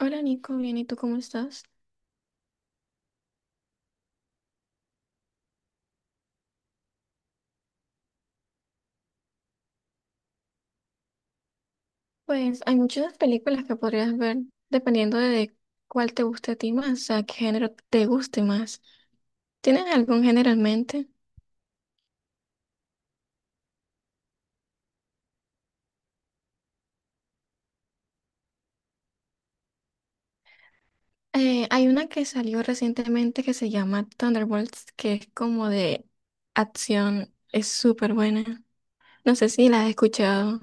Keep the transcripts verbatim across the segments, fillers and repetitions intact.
Hola Nico, bien, ¿y tú cómo estás? Pues hay muchas películas que podrías ver dependiendo de cuál te guste a ti más, o sea, qué género te guste más. ¿Tienes algún género en mente? Eh, hay una que salió recientemente que se llama Thunderbolts, que es como de acción, es súper buena. No sé si la has escuchado.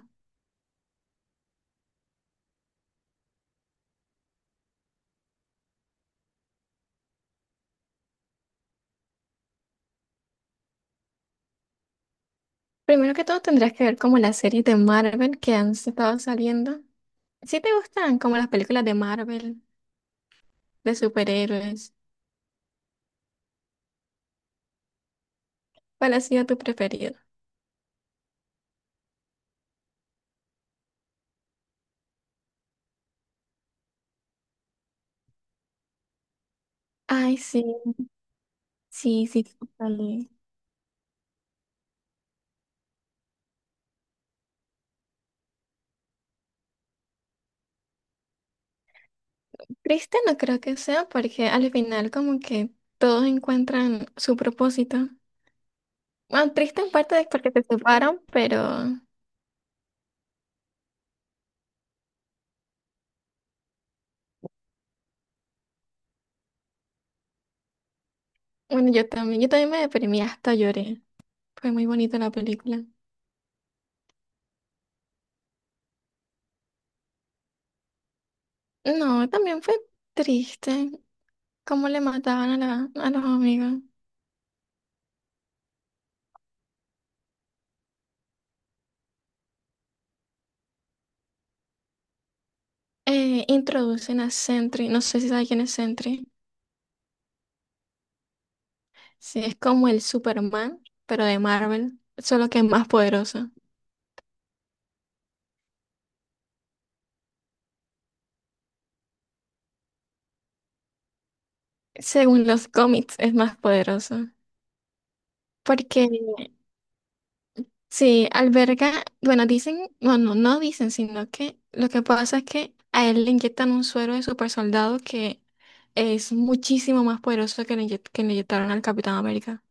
Primero que todo tendrías que ver como las series de Marvel que han estado saliendo. Si te gustan como las películas de Marvel, de superhéroes, ¿cuál ha sido tu preferido? Ay, sí. Sí, sí, total. Triste no creo que sea porque al final como que todos encuentran su propósito. Bueno, triste en parte es porque se separan, pero bueno, yo también, yo también me deprimí, hasta lloré. Fue muy bonita la película. No, también fue triste cómo le mataban a, la, a los amigos. Eh, introducen a Sentry, no sé si sabes quién es Sentry. Sí, es como el Superman, pero de Marvel, solo que es más poderoso. Según los cómics, es más poderoso. Porque sí, alberga, bueno, dicen, bueno, no dicen, sino que lo que pasa es que a él le inyectan un suero de super soldado que es muchísimo más poderoso que le, inye- que le inyectaron al Capitán América.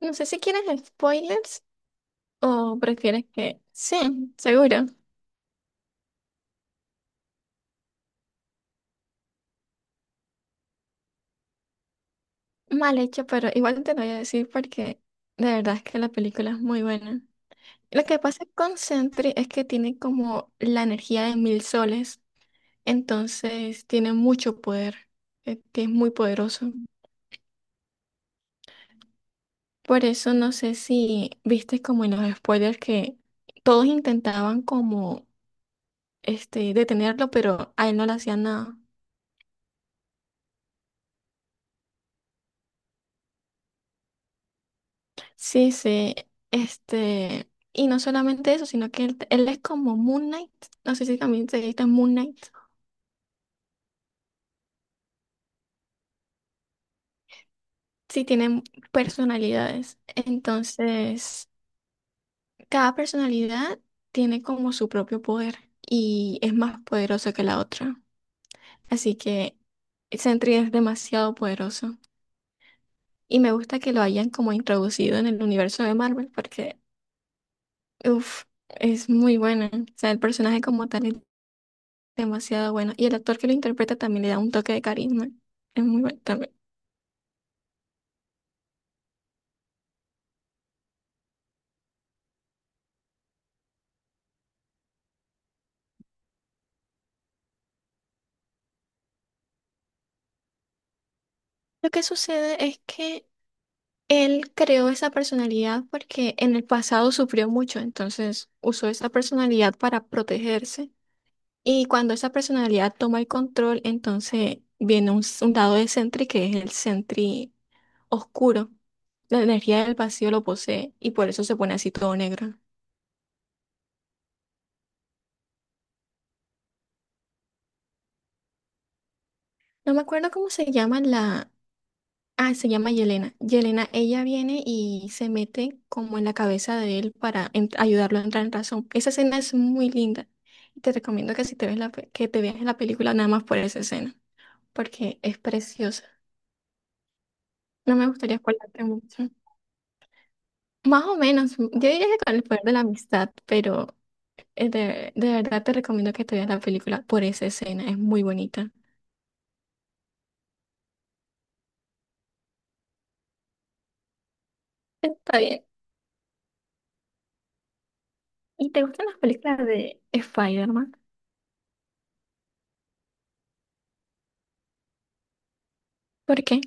No sé si quieres spoilers o prefieres que... Sí, seguro. Mal hecho, pero igual te lo voy a decir porque de verdad es que la película es muy buena. Lo que pasa con Sentry es que tiene como la energía de mil soles. Entonces tiene mucho poder, eh, es muy poderoso. Por eso no sé si viste como en los spoilers que todos intentaban como este detenerlo, pero a él no le hacían nada. Sí, sí, este, y no solamente eso, sino que él, él es como Moon Knight, no sé si también se dice Moon Knight. Sí, tienen personalidades. Entonces, cada personalidad tiene como su propio poder y es más poderosa que la otra. Así que Sentry es demasiado poderoso. Y me gusta que lo hayan como introducido en el universo de Marvel porque, uff, es muy buena. O sea, el personaje como tal es demasiado bueno. Y el actor que lo interpreta también le da un toque de carisma. Es muy bueno también. Lo que sucede es que él creó esa personalidad porque en el pasado sufrió mucho, entonces usó esa personalidad para protegerse. Y cuando esa personalidad toma el control, entonces viene un, s- un lado de Sentry que es el Sentry oscuro. La energía del vacío lo posee y por eso se pone así todo negro. No me acuerdo cómo se llama la... Ah, se llama Yelena. Yelena, ella viene y se mete como en la cabeza de él para en- ayudarlo a entrar en razón. Esa escena es muy linda. Y te recomiendo que si te ves la, pe- que te veas la película nada más por esa escena, porque es preciosa. No me gustaría spoilarte mucho. Más o menos, yo diría que con el poder de la amistad, pero eh, de, de verdad te recomiendo que te veas la película por esa escena. Es muy bonita. Está bien. ¿Y te gustan las películas de Spider-Man? ¿Por qué?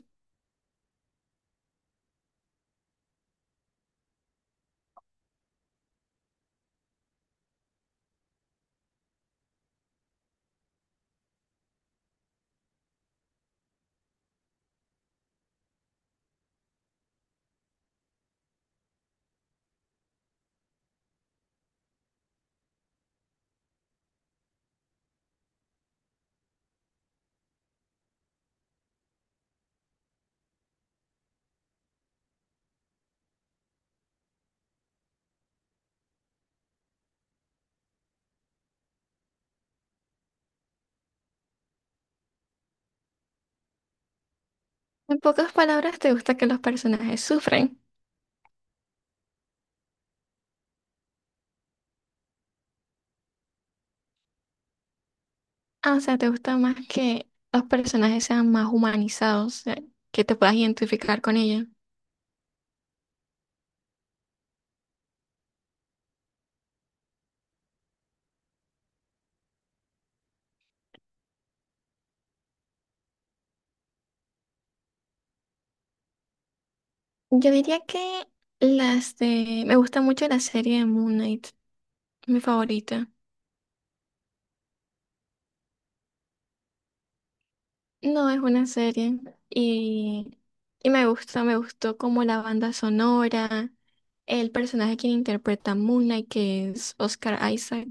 En pocas palabras, ¿te gusta que los personajes sufren? Ah, o sea, ¿te gusta más que los personajes sean más humanizados, eh, que te puedas identificar con ellos? Yo diría que las de... Me gusta mucho la serie de Moon Knight, mi favorita. No es una serie y, y me gusta, me gustó como la banda sonora, el personaje que interpreta a Moon Knight, que es Oscar Isaac,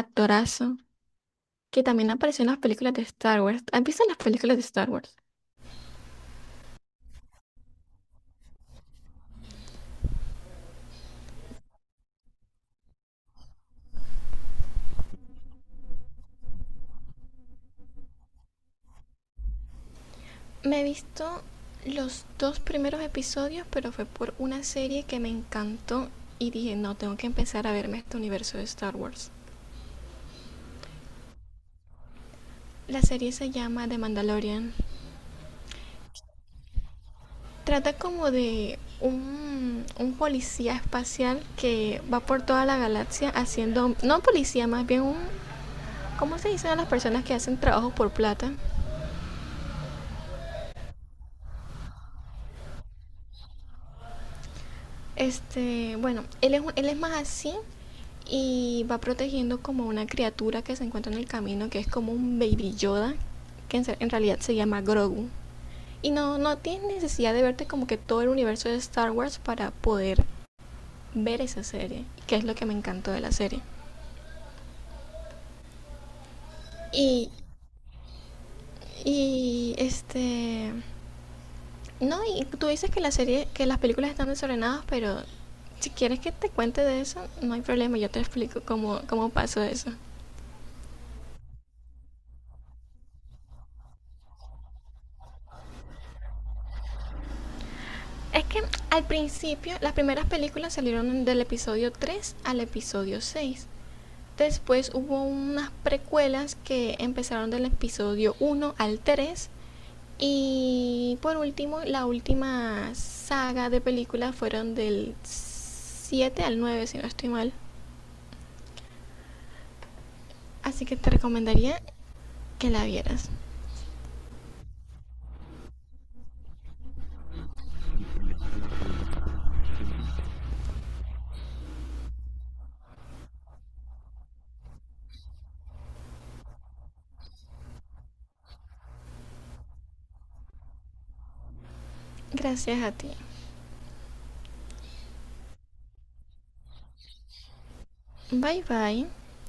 actorazo. Que también apareció en las películas de Star Wars. ¿Has visto las películas de Star Wars? Me he visto los dos primeros episodios, pero fue por una serie que me encantó y dije, no, tengo que empezar a verme este universo de Star Wars. La serie se llama The Mandalorian. Trata como de un, un policía espacial que va por toda la galaxia haciendo, no policía, más bien un, ¿cómo se dicen a las personas que hacen trabajo por plata? Este, bueno, él es, él es más así, y va protegiendo como una criatura que se encuentra en el camino, que es como un baby Yoda, que en realidad se llama Grogu. Y no, no tienes necesidad de verte como que todo el universo de Star Wars para poder ver esa serie, que es lo que me encantó de la serie. Y, y este, no, y tú dices que la serie, que las películas están desordenadas, pero si quieres que te cuente de eso, no hay problema, yo te explico cómo, cómo pasó eso. Es que al principio las primeras películas salieron del episodio tres al episodio seis. Después hubo unas precuelas que empezaron del episodio uno al tres. Y por último, la última saga de películas fueron del siete al nueve si no estoy mal. Así que te recomendaría que la vieras. Gracias a ti. Bye bye.